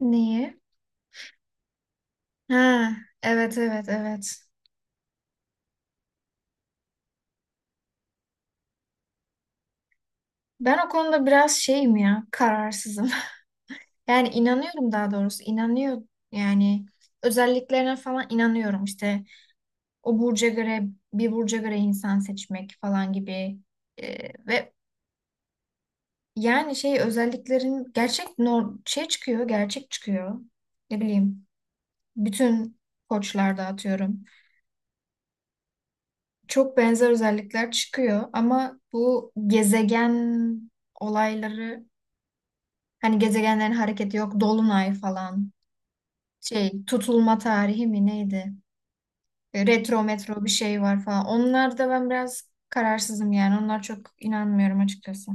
Neyi? Ha, evet evet evet. Ben o konuda biraz şeyim ya, kararsızım. Yani inanıyorum daha doğrusu, inanıyor yani özelliklerine falan inanıyorum işte o burca göre bir burca göre insan seçmek falan gibi. Ve yani şey özelliklerin gerçek nor şey çıkıyor, gerçek çıkıyor. Ne bileyim, bütün koçlarda atıyorum. Çok benzer özellikler çıkıyor ama bu gezegen olayları. Hani gezegenlerin hareketi yok. Dolunay falan. Şey tutulma tarihi mi neydi? Retro metro bir şey var falan. Onlar da ben biraz kararsızım yani. Onlar çok inanmıyorum açıkçası.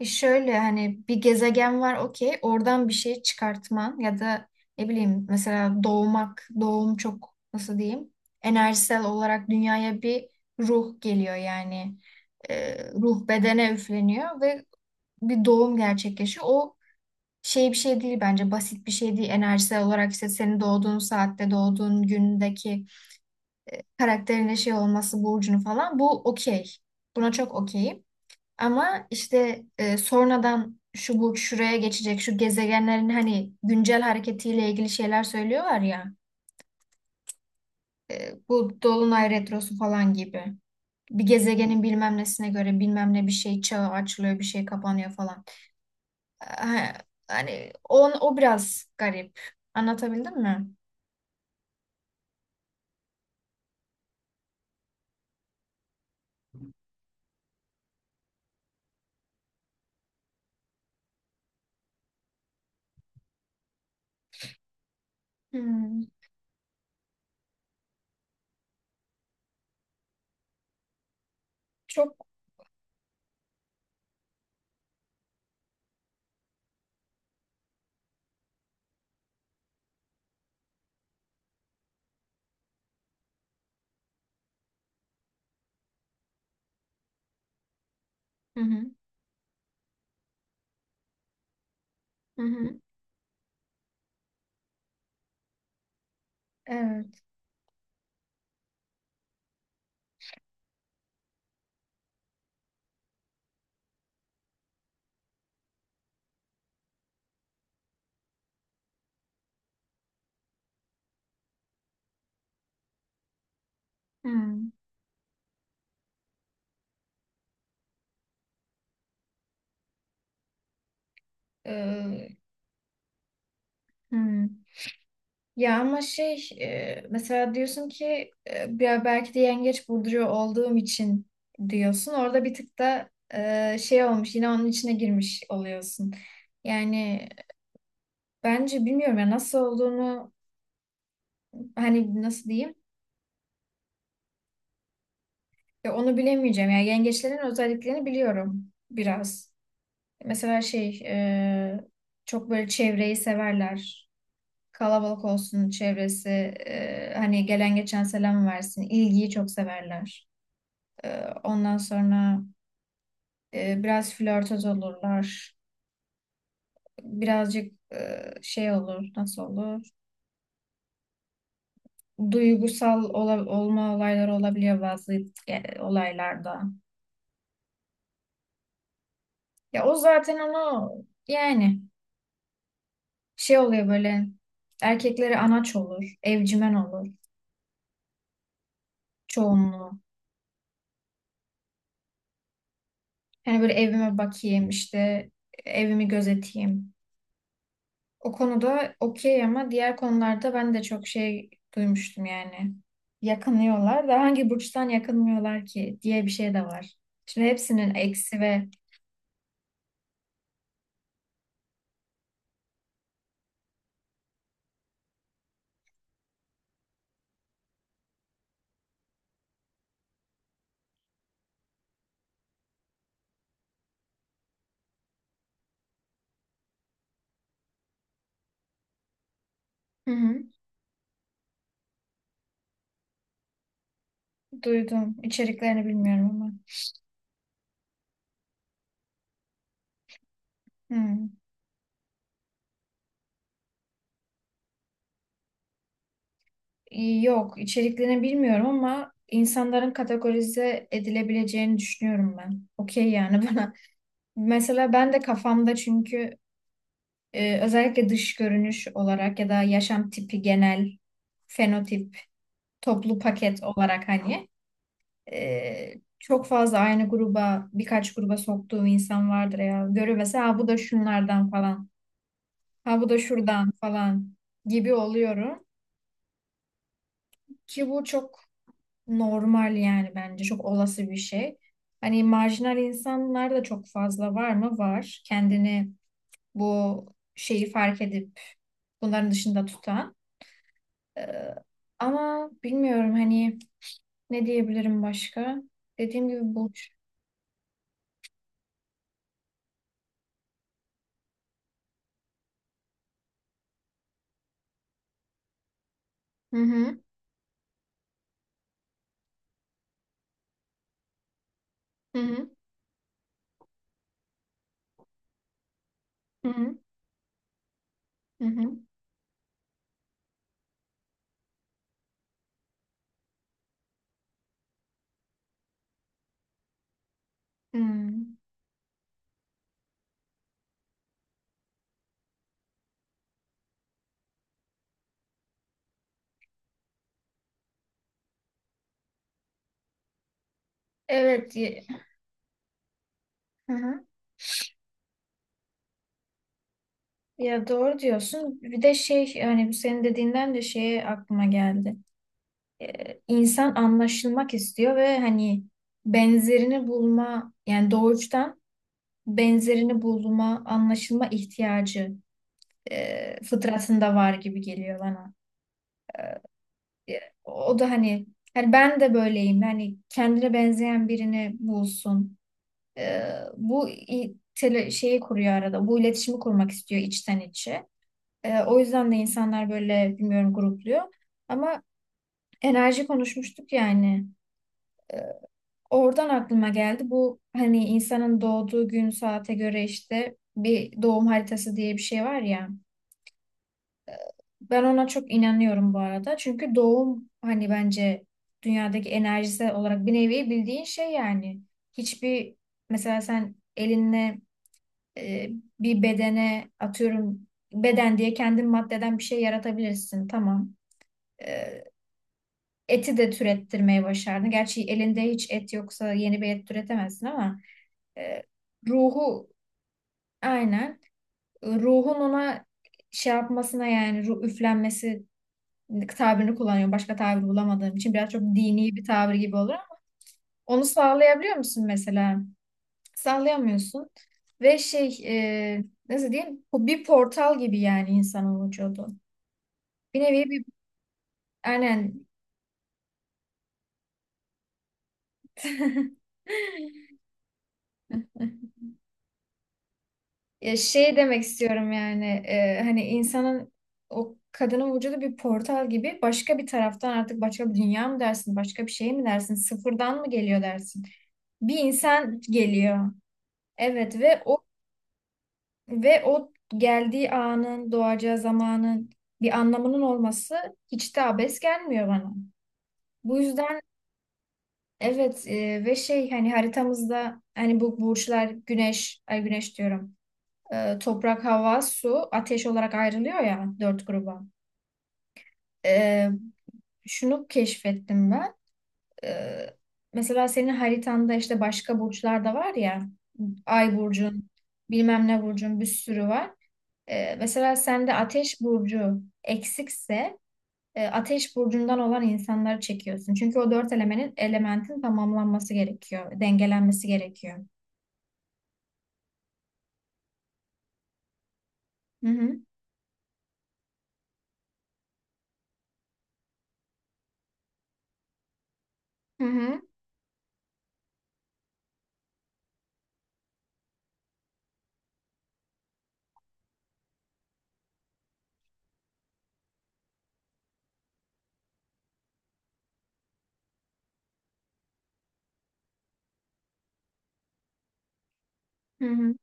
E şöyle hani bir gezegen var okey. Oradan bir şey çıkartman ya da ne bileyim mesela doğmak. Doğum çok nasıl diyeyim? Enerjisel olarak dünyaya bir ruh geliyor yani. Ruh bedene üfleniyor ve bir doğum gerçekleşiyor. O şey bir şey değil bence, basit bir şey değil enerjisel olarak, işte senin doğduğun saatte doğduğun gündeki karakterine şey olması, burcunu falan, bu okey, buna çok okeyim, ama işte sonradan şu burç şuraya geçecek, şu gezegenlerin hani güncel hareketiyle ilgili şeyler söylüyorlar ya, bu dolunay retrosu falan gibi, bir gezegenin bilmem nesine göre bilmem ne bir şey çağı açılıyor bir şey kapanıyor falan. E, Hani o biraz garip, anlatabildim mi? Hmm. Çok. Hı hı. Hı hı. Evet. Hmm. Ee, Hı. Ya ama şey mesela diyorsun ki ya belki de yengeç burcuyor olduğum için diyorsun. Orada bir tık da şey olmuş, yine onun içine girmiş oluyorsun. Yani bence bilmiyorum ya nasıl olduğunu, hani nasıl diyeyim, ya onu bilemeyeceğim. Yani yengeçlerin özelliklerini biliyorum biraz. Mesela şey çok böyle çevreyi severler. Kalabalık olsun çevresi. Hani gelen geçen selam versin. İlgiyi çok severler. Ondan sonra biraz flörtöz olurlar. Birazcık şey olur. Nasıl olur? Duygusal olma olayları olabiliyor bazı olaylarda. Ya o zaten onu yani şey oluyor böyle, erkekleri anaç olur, evcimen olur çoğunluğu. Hani böyle evime bakayım, işte evimi gözeteyim. O konuda okey ama diğer konularda ben de çok şey duymuştum yani. Yakınıyorlar da hangi burçtan yakınmıyorlar ki diye bir şey de var. Şimdi hepsinin eksi ve Hı hı. Duydum. İçeriklerini bilmiyorum ama. Hı. Yok, içeriklerini bilmiyorum ama insanların kategorize edilebileceğini düşünüyorum ben. Okey yani bana. Mesela ben de kafamda çünkü özellikle dış görünüş olarak ya da yaşam tipi genel fenotip toplu paket olarak hani e, çok fazla aynı gruba, birkaç gruba soktuğum insan vardır ya. Görüyor mesela "Ha, bu da şunlardan falan. Ha bu da şuradan falan" gibi oluyorum. Ki bu çok normal yani, bence çok olası bir şey. Hani marjinal insanlar da çok fazla var mı? Var. Kendini bu şeyi fark edip bunların dışında tutan. Ee, Ama bilmiyorum hani ne diyebilirim başka? Dediğim gibi bu Hı hı. Hı hı. Hı hı. Hı hı. Hmm. Evet. Hı hı. Ya doğru diyorsun. Bir de şey, yani senin dediğinden de şeye aklıma geldi. İnsan anlaşılmak istiyor ve hani benzerini bulma, yani doğuştan benzerini bulma, anlaşılma ihtiyacı fıtratında var gibi geliyor bana. O da hani hani ben de böyleyim. Hani kendine benzeyen birini bulsun. Ee, Bu şeyi kuruyor arada. Bu iletişimi kurmak istiyor içten içe. O yüzden de insanlar böyle bilmiyorum grupluyor. Ama enerji konuşmuştuk yani. Oradan aklıma geldi. Bu hani insanın doğduğu gün saate göre işte bir doğum haritası diye bir şey var ya. Ben ona çok inanıyorum bu arada. Çünkü doğum hani bence dünyadaki enerjisi olarak bir nevi bildiğin şey yani. Hiçbir mesela sen elinle e, bir bedene atıyorum beden diye kendin maddeden bir şey yaratabilirsin. Tamam. E, Eti de türettirmeyi başardın. Gerçi elinde hiç et yoksa yeni bir et türetemezsin ama e, ruhu aynen, ruhun ona şey yapmasına, yani ruh üflenmesi tabirini kullanıyorum. Başka tabir bulamadığım için biraz çok dini bir tabir gibi olur ama onu sağlayabiliyor musun mesela? Sallayamıyorsun. Ve şey nasıl diyeyim? Bu bir portal gibi yani insanın vücudu. Bir nevi bir aynen Ya şey demek istiyorum yani hani insanın o kadının vücudu bir portal gibi, başka bir taraftan artık başka bir dünya mı dersin, başka bir şey mi dersin, sıfırdan mı geliyor dersin, bir insan geliyor, evet ve o, ve o geldiği anın, doğacağı zamanın bir anlamının olması hiç de abes gelmiyor bana. Bu yüzden evet ve şey hani haritamızda hani bu burçlar güneş, ay güneş diyorum. Toprak, hava, su, ateş olarak ayrılıyor ya dört gruba. E, Şunu keşfettim ben. E, Mesela senin haritanda işte başka burçlar da var ya. Ay burcun, bilmem ne burcun bir sürü var. Mesela sende ateş burcu eksikse ateş burcundan olan insanları çekiyorsun. Çünkü o dört elementin tamamlanması gerekiyor, dengelenmesi gerekiyor. Hı hı. Hı hı. Hı hı.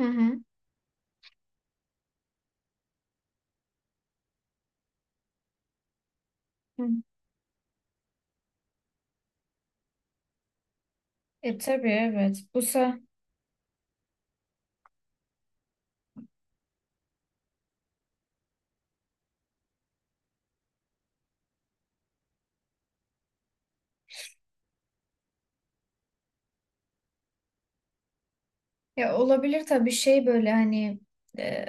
Hı hı. Hı. E tabii evet. Bu sa Ya olabilir tabii, şey böyle hani e,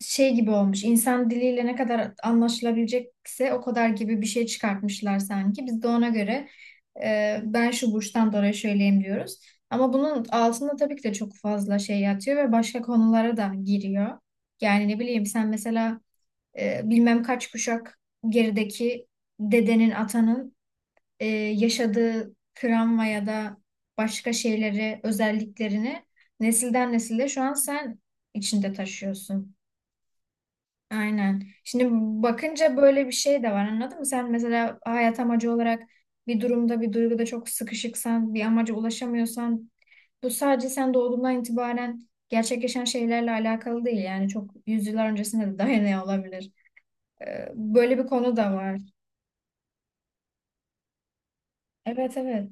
şey gibi olmuş. İnsan diliyle ne kadar anlaşılabilecekse o kadar gibi bir şey çıkartmışlar sanki. Biz de ona göre ben şu burçtan dolayı şöyleyim diyoruz. Ama bunun altında tabii ki de çok fazla şey yatıyor ve başka konulara da giriyor. Yani ne bileyim sen mesela bilmem kaç kuşak gerideki dedenin, atanın yaşadığı travma ya da başka şeyleri, özelliklerini nesilden nesile şu an sen içinde taşıyorsun. Aynen. Şimdi bakınca böyle bir şey de var, anladın mı? Sen mesela hayat amacı olarak bir durumda, bir duyguda çok sıkışıksan, bir amaca ulaşamıyorsan bu sadece sen doğduğundan itibaren gerçekleşen şeylerle alakalı değil. Yani çok yüzyıllar öncesine de dayanıyor olabilir. Böyle bir konu da var. Evet evet.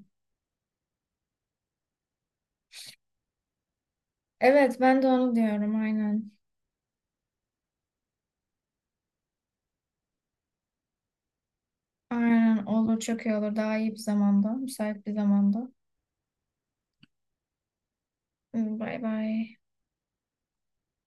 Evet ben de onu diyorum aynen. Aynen olur, çok iyi olur. Daha iyi bir zamanda. Müsait bir zamanda. Bay bay.